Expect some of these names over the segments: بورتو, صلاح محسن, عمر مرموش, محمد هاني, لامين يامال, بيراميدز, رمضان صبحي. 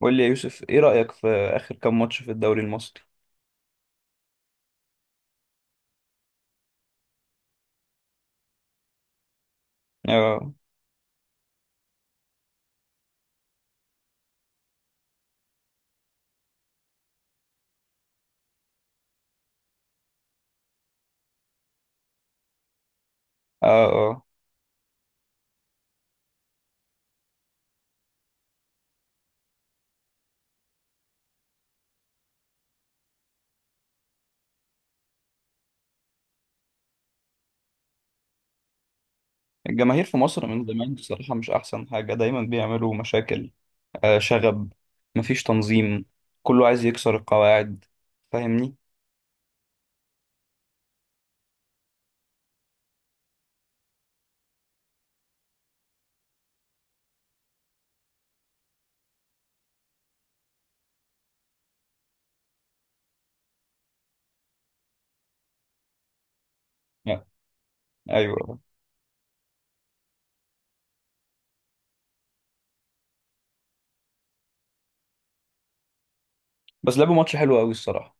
قول لي يا يوسف، ايه رأيك في آخر كام ماتش في الدوري المصري؟ اه، اه، اه، الجماهير في مصر من زمان بصراحة مش أحسن حاجة، دايما بيعملوا مشاكل. آه، شغب. مفيش تنظيم. كله عايز يكسر القواعد. فاهمني؟ لا. أيوه، بس لعبوا ماتش حلو أوي الصراحة.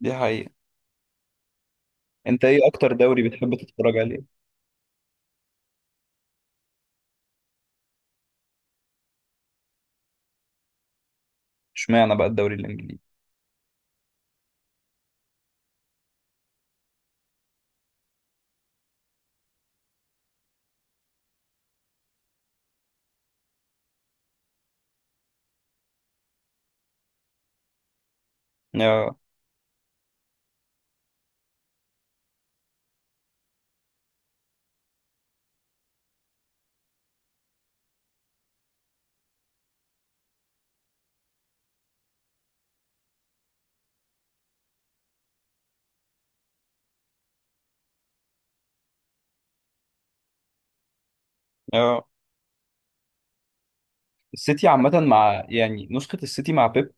دي حقيقة. أنت ايه أكتر دوري بتحب تتفرج عليه؟ اشمعنى بقى الدوري الإنجليزي؟ اه، اه، السيتي عامة مع، يعني نسخة السيتي مع بيب،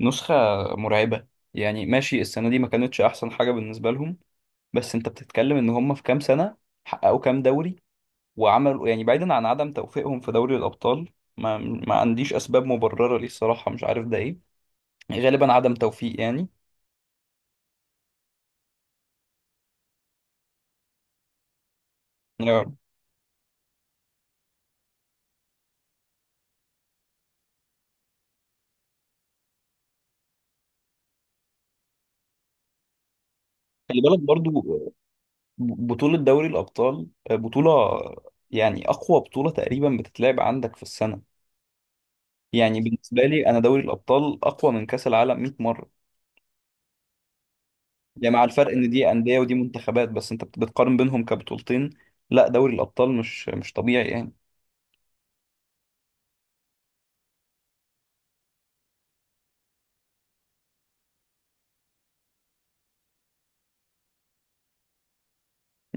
نسخة مرعبة. يعني ماشي، السنة دي ما كانتش أحسن حاجة بالنسبة لهم، بس انت بتتكلم ان هم في كام سنه حققوا كام دوري، وعملوا يعني بعيدا عن عدم توفيقهم في دوري الابطال، ما عنديش اسباب مبرره ليه الصراحه، مش عارف ده ايه، غالبا عدم توفيق يعني. آه. خلي بالك برضو بطوله دوري الابطال، بطوله يعني اقوى بطوله تقريبا بتتلعب عندك في السنه. يعني بالنسبه لي انا دوري الابطال اقوى من كاس العالم 100 مره. يعني مع الفرق ان دي انديه ودي منتخبات، بس انت بتقارن بينهم كبطولتين. لا دوري الابطال مش طبيعي يعني.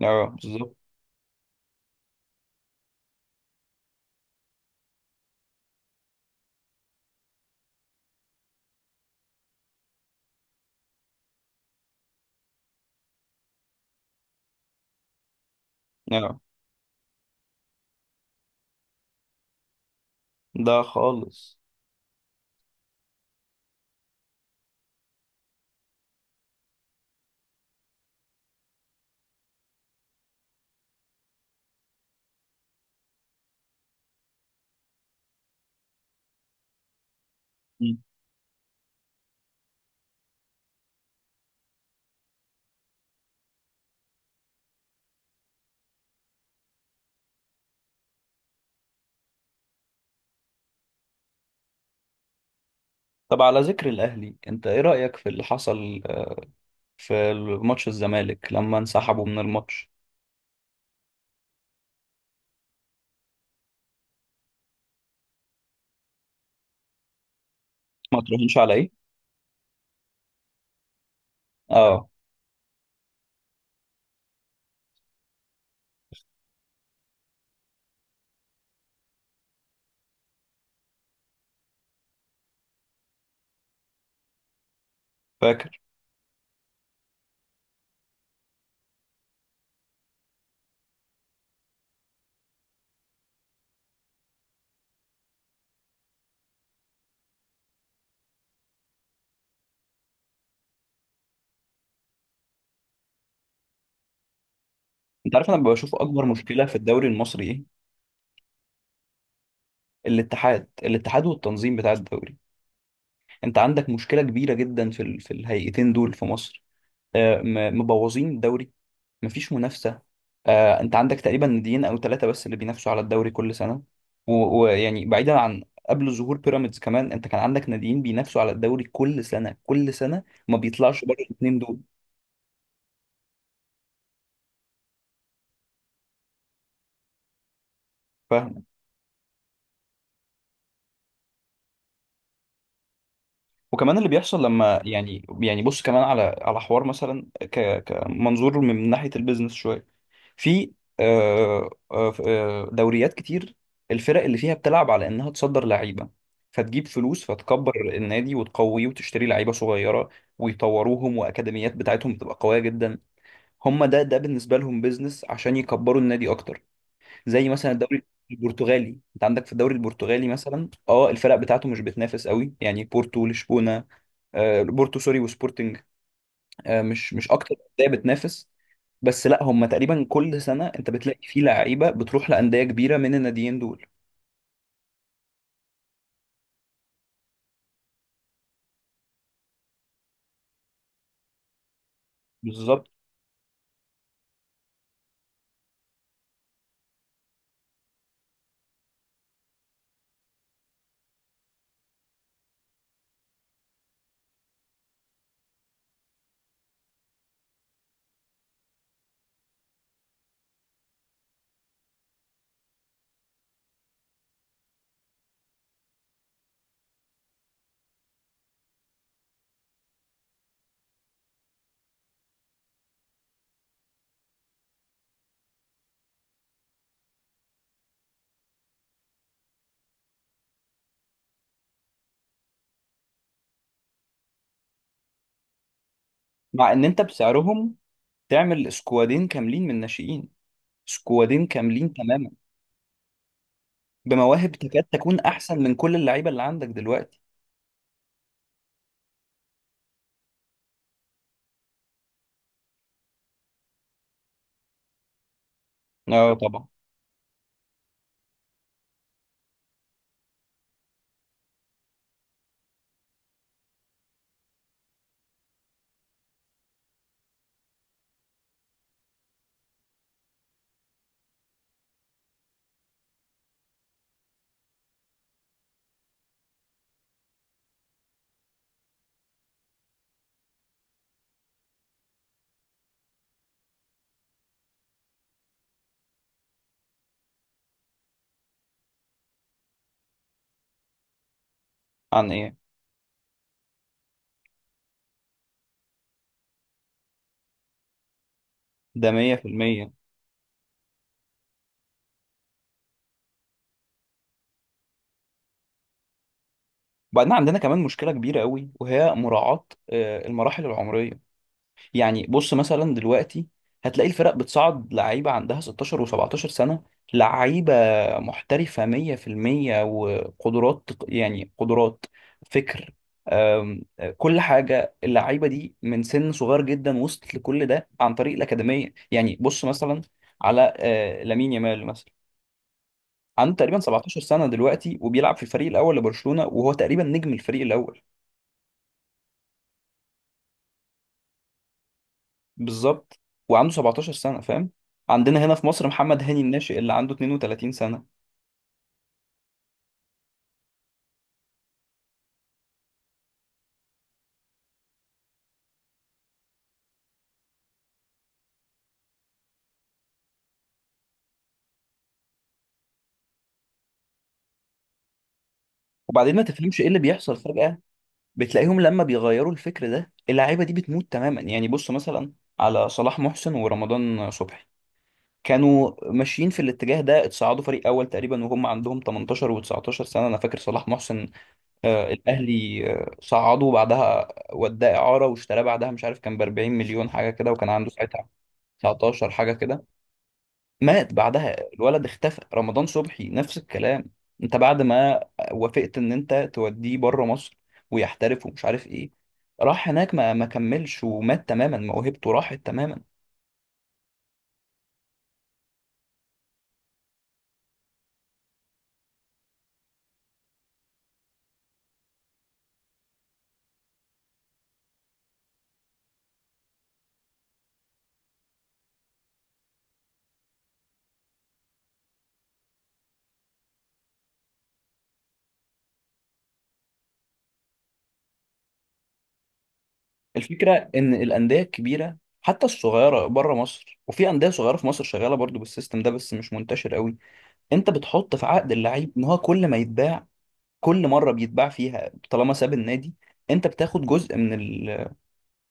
اه بالظبط. اه. ده خالص. مم. طب على ذكر الاهلي، انت ايه رايك في اللي حصل في ماتش الزمالك لما انسحبوا من الماتش؟ ما تراهنش على ايه؟ اه. فاكر. انت عارف انا بشوف اكبر مشكله في الدوري المصري ايه؟ الاتحاد، الاتحاد والتنظيم بتاع الدوري. انت عندك مشكله كبيره جدا في ال... في الهيئتين دول في مصر. مبوظين الدوري. مفيش منافسة. آه، انت عندك تقريبا ناديين او ثلاثة بس اللي بينافسوا على الدوري كل سنة. و- ويعني بعيدا، عن قبل ظهور بيراميدز كمان، انت كان عندك ناديين بينافسوا على الدوري كل سنة كل سنة. ما بيطلعش بره الاثنين دول. فاهم. وكمان اللي بيحصل لما، يعني بص كمان على، على حوار مثلا كمنظور من ناحية البيزنس شوية. في دوريات كتير، الفرق اللي فيها بتلعب على انها تصدر لعيبه، فتجيب فلوس، فتكبر النادي وتقويه وتشتري لعيبه صغيره، ويطوروهم، واكاديميات بتاعتهم بتبقى قويه جدا. هم ده بالنسبه لهم بيزنس عشان يكبروا النادي اكتر. زي مثلا الدوري البرتغالي، انت عندك في الدوري البرتغالي مثلا، اه، الفرق بتاعته مش بتنافس قوي، يعني بورتو لشبونه، بورتو سوري وسبورتنج، مش اكتر انديه بتنافس. بس لا، هم تقريبا كل سنه انت بتلاقي فيه لعيبه بتروح لانديه كبيره من الناديين دول. بالظبط. مع ان انت بسعرهم تعمل سكوادين كاملين من الناشئين، سكوادين كاملين تماما، بمواهب تكاد تكون احسن من كل اللعيبه اللي عندك دلوقتي. اه طبعا. عن ايه؟ ده 100%. وبعدين عندنا كمان مشكله كبيره قوي، وهي مراعاه المراحل العمريه. يعني بص مثلا دلوقتي، هتلاقي الفرق بتصعد لعيبة عندها 16 و17 سنة، لعيبة محترفة 100%، وقدرات يعني قدرات، فكر، أم، كل حاجة. اللعيبة دي من سن صغير جدا وصلت لكل ده عن طريق الأكاديمية. يعني بص مثلا على لامين يامال مثلا، عنده تقريبا 17 سنة دلوقتي، وبيلعب في الفريق الأول لبرشلونة، وهو تقريبا نجم الفريق الأول. بالظبط. وعنده 17 سنة، فاهم؟ عندنا هنا في مصر محمد هاني الناشئ اللي عنده 32 سنة. وبعدين ما تفهمش ايه اللي بيحصل فجأة، بتلاقيهم لما بيغيروا الفكر ده اللعيبة دي بتموت تماما. يعني بص مثلا على صلاح محسن ورمضان صبحي، كانوا ماشيين في الاتجاه ده، اتصعدوا فريق اول تقريبا وهم عندهم 18 و19 سنة. انا فاكر صلاح محسن، آه الاهلي آه صعده، وبعدها وداه اعارة واشتراه بعدها، مش عارف كان ب 40 مليون حاجة كده، وكان عنده ساعتها 19 حاجة كده. مات بعدها الولد، اختفى. رمضان صبحي نفس الكلام، انت بعد ما وافقت ان انت توديه بره مصر ويحترف ومش عارف ايه، راح هناك ما كملش، ومات تماما، موهبته راحت تماما. الفكره ان الانديه الكبيره، حتى الصغيره بره مصر، وفي انديه صغيره في مصر شغاله برضو بالسيستم ده بس مش منتشر قوي، انت بتحط في عقد اللعيب ان هو كل ما يتباع، كل مره بيتباع فيها طالما ساب النادي، انت بتاخد جزء من ال...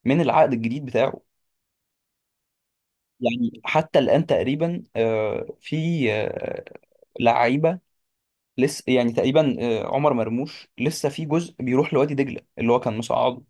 من العقد الجديد بتاعه. يعني حتى الآن تقريبا في لعيبة لسه، يعني تقريبا عمر مرموش لسه في جزء بيروح لوادي دجلة اللي هو كان مصعد